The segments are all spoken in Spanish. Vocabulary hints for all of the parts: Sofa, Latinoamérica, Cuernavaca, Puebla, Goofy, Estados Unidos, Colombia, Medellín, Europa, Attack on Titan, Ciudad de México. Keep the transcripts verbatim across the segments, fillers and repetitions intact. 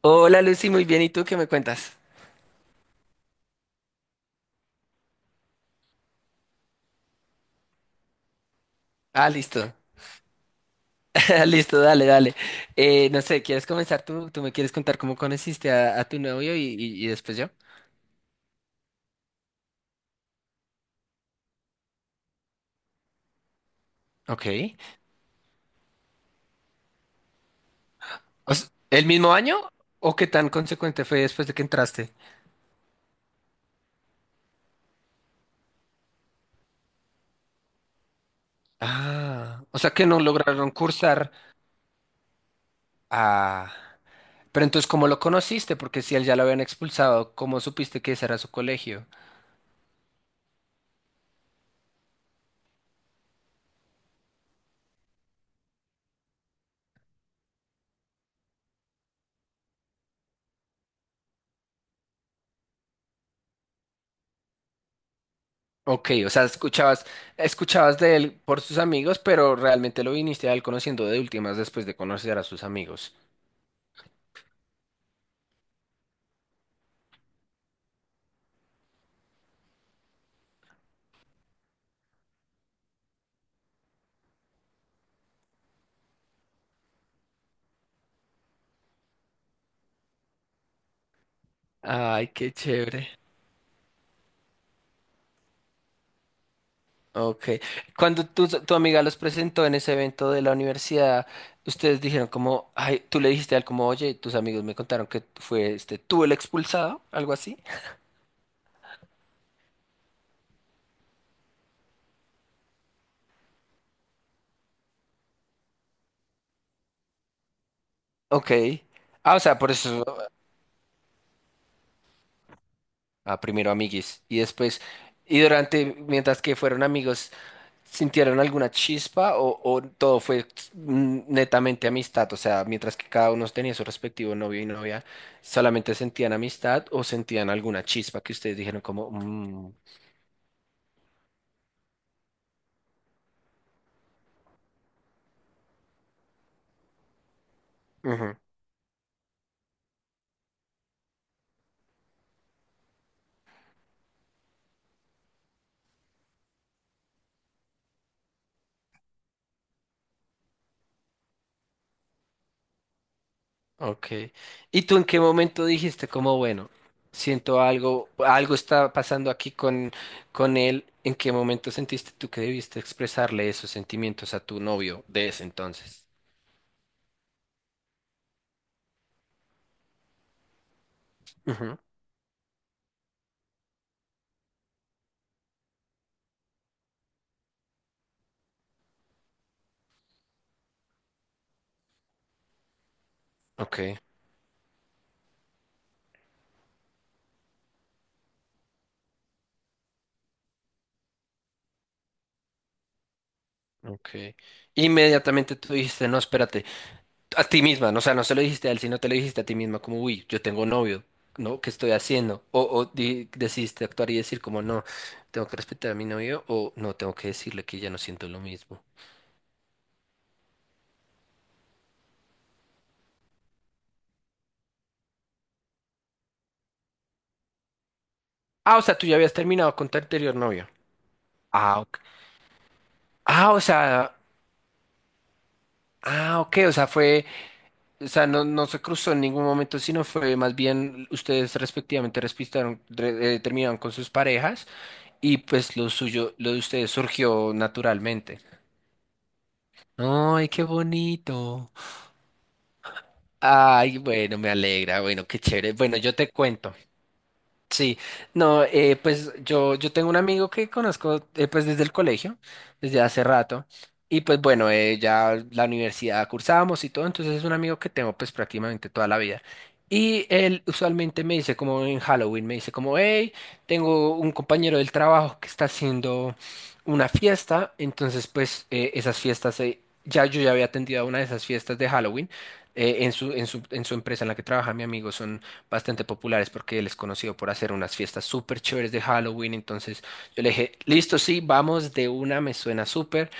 Hola Lucy, muy bien. ¿Y tú qué me cuentas? Ah, listo. Listo, dale, dale. Eh, no sé, ¿quieres comenzar tú? ¿Tú me quieres contar cómo conociste a, a tu novio y, y- y después yo? Ok. O s- ¿el mismo año o qué tan consecuente fue después de que entraste? Ah, o sea que no lograron cursar. Ah, pero entonces, ¿cómo lo conociste? Porque si él ya lo habían expulsado, ¿cómo supiste que ese era su colegio? Ok, o sea, escuchabas, escuchabas de él por sus amigos, pero realmente lo viniste a él conociendo de últimas después de conocer a sus amigos. Ay, qué chévere. Ok. Cuando tu, tu amiga los presentó en ese evento de la universidad, ustedes dijeron como, ay, tú le dijiste a él como, oye, tus amigos me contaron que fue este, tú el expulsado, algo así. Ok. Ah, o sea, por eso, ah, primero amiguis y después, y durante, mientras que fueron amigos. ¿Sintieron alguna chispa o, o todo fue mm, netamente amistad? O sea, mientras que cada uno tenía su respectivo novio y novia, ¿solamente sentían amistad o sentían alguna chispa que ustedes dijeron como? "Mm, ujú. Ok. ¿Y tú en qué momento dijiste como, bueno, siento algo, algo está pasando aquí con, con él? ¿En qué momento sentiste tú que debiste expresarle esos sentimientos a tu novio de ese entonces? Ujú. Ok, ok. Inmediatamente tú dijiste, no, espérate, a ti misma, ¿no? O sea, no se lo dijiste a él, sino te lo dijiste a ti misma, como, uy, yo tengo novio, ¿no? ¿Qué estoy haciendo? O, o di- decidiste actuar y decir, como, no, tengo que respetar a mi novio, o no, tengo que decirle que ya no siento lo mismo. Ah, o sea, tú ya habías terminado con tu anterior novio. Ah, ok. Ah, o sea, ah, ok, o sea, fue, o sea, no, no se cruzó en ningún momento, sino fue más bien ustedes respectivamente respetaron, re- eh, terminaron con sus parejas y pues lo suyo, lo de ustedes surgió naturalmente. Ay, qué bonito. Ay, bueno, me alegra, bueno, qué chévere. Bueno, yo te cuento. Sí, no, eh, pues yo, yo tengo un amigo que conozco eh, pues desde el colegio, desde hace rato, y pues bueno, eh, ya la universidad cursábamos y todo, entonces es un amigo que tengo pues prácticamente toda la vida. Y él usualmente me dice como en Halloween, me dice como, hey, tengo un compañero del trabajo que está haciendo una fiesta, entonces pues eh, esas fiestas, eh, ya yo ya había atendido a una de esas fiestas de Halloween eh, en su, en su, en su empresa en la que trabaja mi amigo, bastante populares porque él es conocido por hacer unas fiestas súper chéveres de Halloween. Entonces yo le dije, listo, sí, vamos de una, me suena súper.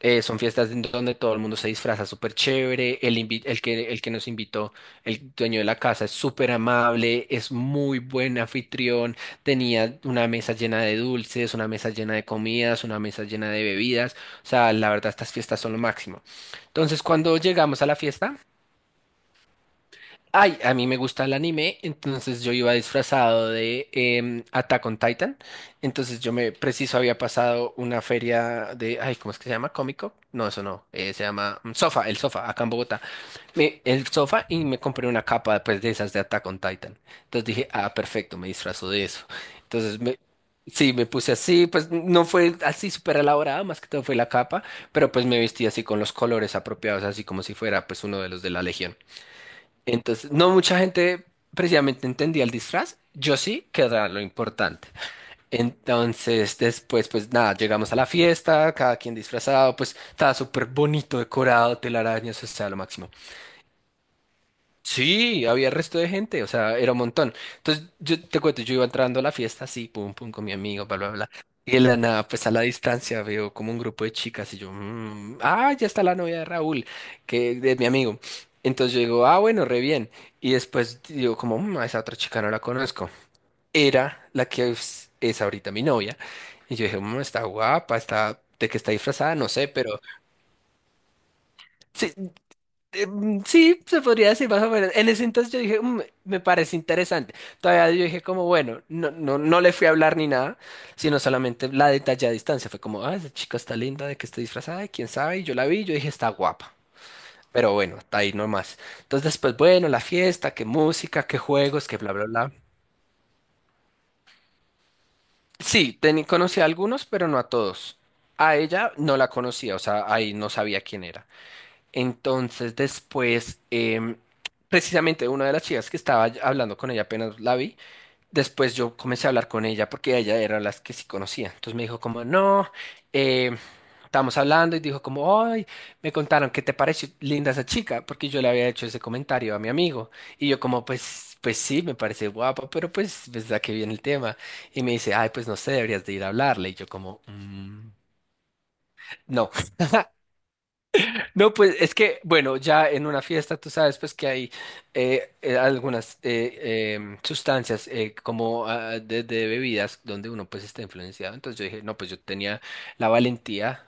Eh, son fiestas en donde todo el mundo se disfraza súper chévere. El, invi- el que, el que nos invitó, el dueño de la casa, es súper amable, es muy buen anfitrión. Tenía una mesa llena de dulces, una mesa llena de comidas, una mesa llena de bebidas. O sea, la verdad, estas fiestas son lo máximo. Entonces, cuando llegamos a la fiesta. Ay, a mí me gusta el anime, entonces yo iba disfrazado de em, Attack on Titan. Entonces yo me preciso había pasado una feria de, ay, ¿cómo es que se llama? ¿Cómico? No, eso no, eh, se llama mm, Sofa, el Sofa, acá en Bogotá. Me- el Sofa y me compré una capa pues de esas de Attack on Titan. Entonces dije, ah, perfecto, me disfrazo de eso. Entonces me, sí, me puse así, pues no fue así súper elaborada, más que todo fue la capa, pero pues me vestí así con los colores apropiados, así como si fuera pues uno de los de la Legión. Entonces, no mucha gente precisamente entendía el disfraz. Yo sí, que era lo importante. Entonces, después, pues nada, llegamos a la fiesta, cada quien disfrazado, pues estaba súper bonito, decorado, telarañas, o sea, lo máximo. Sí, había resto de gente, o sea, era un montón. Entonces, yo te cuento, yo iba entrando a la fiesta así, pum, pum, con mi amigo, bla, bla, bla. Y en la nada, pues a la distancia veo como un grupo de chicas y yo, "Mm, ah, ya está la novia de Raúl, que es mi amigo. Entonces yo digo, ah, bueno, re bien. Y después digo, como, "Mm, a esa otra chica no la conozco. Era la que es, es ahorita mi novia. Y yo dije, "Mm, está guapa, está, de que está disfrazada, no sé, pero sí. Em, Sí, se podría decir más o menos. En ese entonces yo dije, "Mm, me parece interesante. Todavía yo dije como, bueno, no, no, no le fui a hablar ni nada, sino solamente la detallé a distancia. Fue como, ah, esa chica está linda, de que está disfrazada, quién sabe. Y yo la vi, y yo dije, está guapa. Pero bueno, está ahí nomás. Entonces después, bueno, la fiesta, qué música, qué juegos, qué bla, bla, bla. Sí, teni- conocí a algunos, pero no a todos. A ella no la conocía, o sea, ahí no sabía quién era. Entonces después, em, precisamente una de las chicas que estaba ya- hablando con ella apenas la vi, después yo comencé a hablar con ella porque ella era las que sí conocía. Entonces me dijo como, no, eh, estábamos hablando y dijo como, ay, me contaron que te pareció linda esa chica porque yo le había hecho ese comentario a mi amigo. Y yo como, pues, pues sí, me parece guapa, pero pues, pues a qué viene el tema. Y me dice, ay, pues no sé, deberías de ir a hablarle. Y yo como, "Mm, no. No, pues es que, bueno, ya en una fiesta tú sabes pues que hay eh, eh, algunas eh, em, sustancias eh, como ah, de, de bebidas donde uno pues está influenciado. Entonces yo dije, no, pues yo tenía la valentía,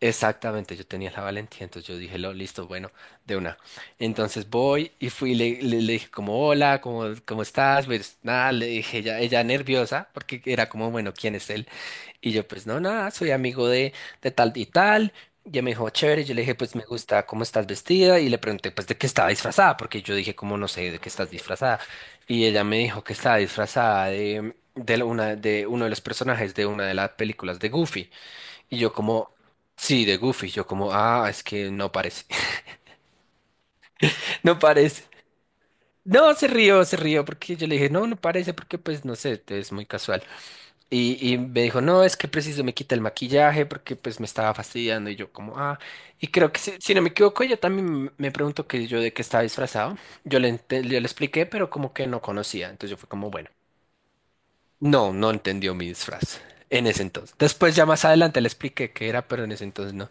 exactamente, yo tenía la valentía. Entonces yo dije, lo, listo, bueno, de una. Entonces voy y fui, y le, le, le dije como, hola, ¿cómo, cómo estás? Pues nada, le dije, ella, ella nerviosa porque era como, bueno, ¿quién es él? Y yo, pues no, nada, soy amigo de, de tal y tal. Y ella me dijo, chévere. Yo le dije, pues me gusta cómo estás vestida. Y le pregunté, pues de qué estaba disfrazada, porque yo dije, cómo no sé de qué estás disfrazada. Y ella me dijo que estaba disfrazada de, de la- una, de uno de los personajes de una de las películas de Goofy. Y yo, como, sí, de Goofy. Yo, como, ah, es que no parece, no parece. No, se rió, se rió, porque yo le dije, no, no parece, porque pues no sé, es muy casual. Y, y me dijo, no, es que preciso me quita el maquillaje porque pues me estaba fastidiando y yo como, ah, y creo que si, si no me equivoco, ella también me preguntó que yo de qué estaba disfrazado. Yo le, ente- yo le expliqué, pero como que no conocía. Entonces yo fue como, bueno, no, no entendió mi disfraz en ese entonces. Después ya más adelante le expliqué qué era, pero en ese entonces no.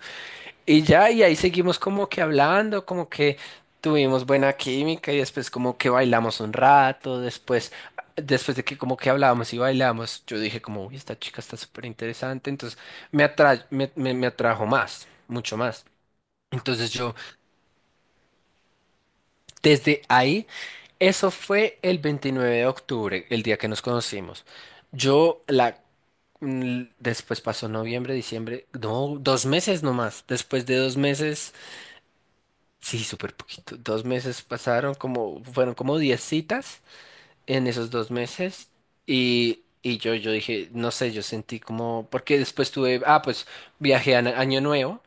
Y ya, y ahí seguimos como que hablando, como que tuvimos buena química y después como que bailamos un rato, después, después de que como que hablábamos y bailamos, yo dije como, uy, esta chica está súper interesante, entonces me atra- me, me, me atrajo más, mucho más. Entonces yo, desde ahí, eso fue el veintinueve de octubre, el día que nos conocimos. Yo la. mm, Después pasó noviembre, diciembre, no, dos meses nomás. Después de dos meses. Sí, súper poquito. Dos meses pasaron, como, fueron como diez citas en esos dos meses. Y, y yo, yo dije, no sé, yo sentí como, porque después tuve, ah, pues viajé a Año Nuevo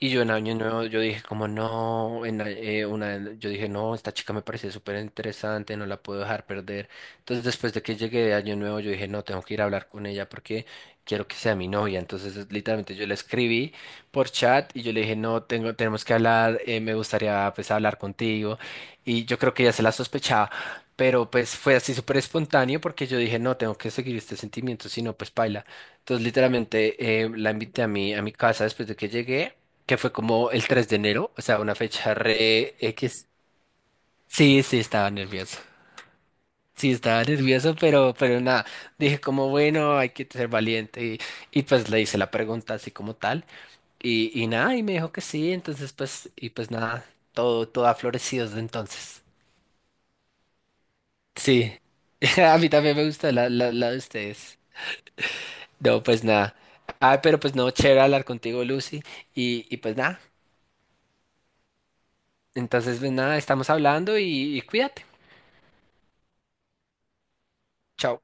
y yo en Año Nuevo, yo dije como no, en la- eh, una, de- yo dije no, esta chica me parece súper interesante, no la puedo dejar perder. Entonces después de que llegué de Año Nuevo, yo dije no, tengo que ir a hablar con ella porque quiero que sea mi novia. Entonces es- literalmente yo le escribí por chat y yo le dije no, tengo, tenemos que hablar, eh, me gustaría pues hablar contigo. Y yo creo que ella se la sospechaba, pero pues fue así súper espontáneo porque yo dije no, tengo que seguir este sentimiento, si no pues paila. Entonces literalmente eh, la invité a mi, a mi casa después de que llegué que fue como el tres de enero, o sea, una fecha re X. Sí, sí, estaba nervioso. Sí, estaba nervioso, pero, pero nada, dije como, bueno, hay que ser valiente y, y pues le hice la pregunta así como tal y, y nada, y me dijo que sí, entonces pues, y pues nada, todo, todo ha florecido desde entonces. Sí, a mí también me gusta la, la, la de ustedes. No, pues nada. Ah, pero pues no, chévere hablar contigo, Lucy, y, y pues nada, entonces pues nada, estamos hablando y y cuídate. Chao.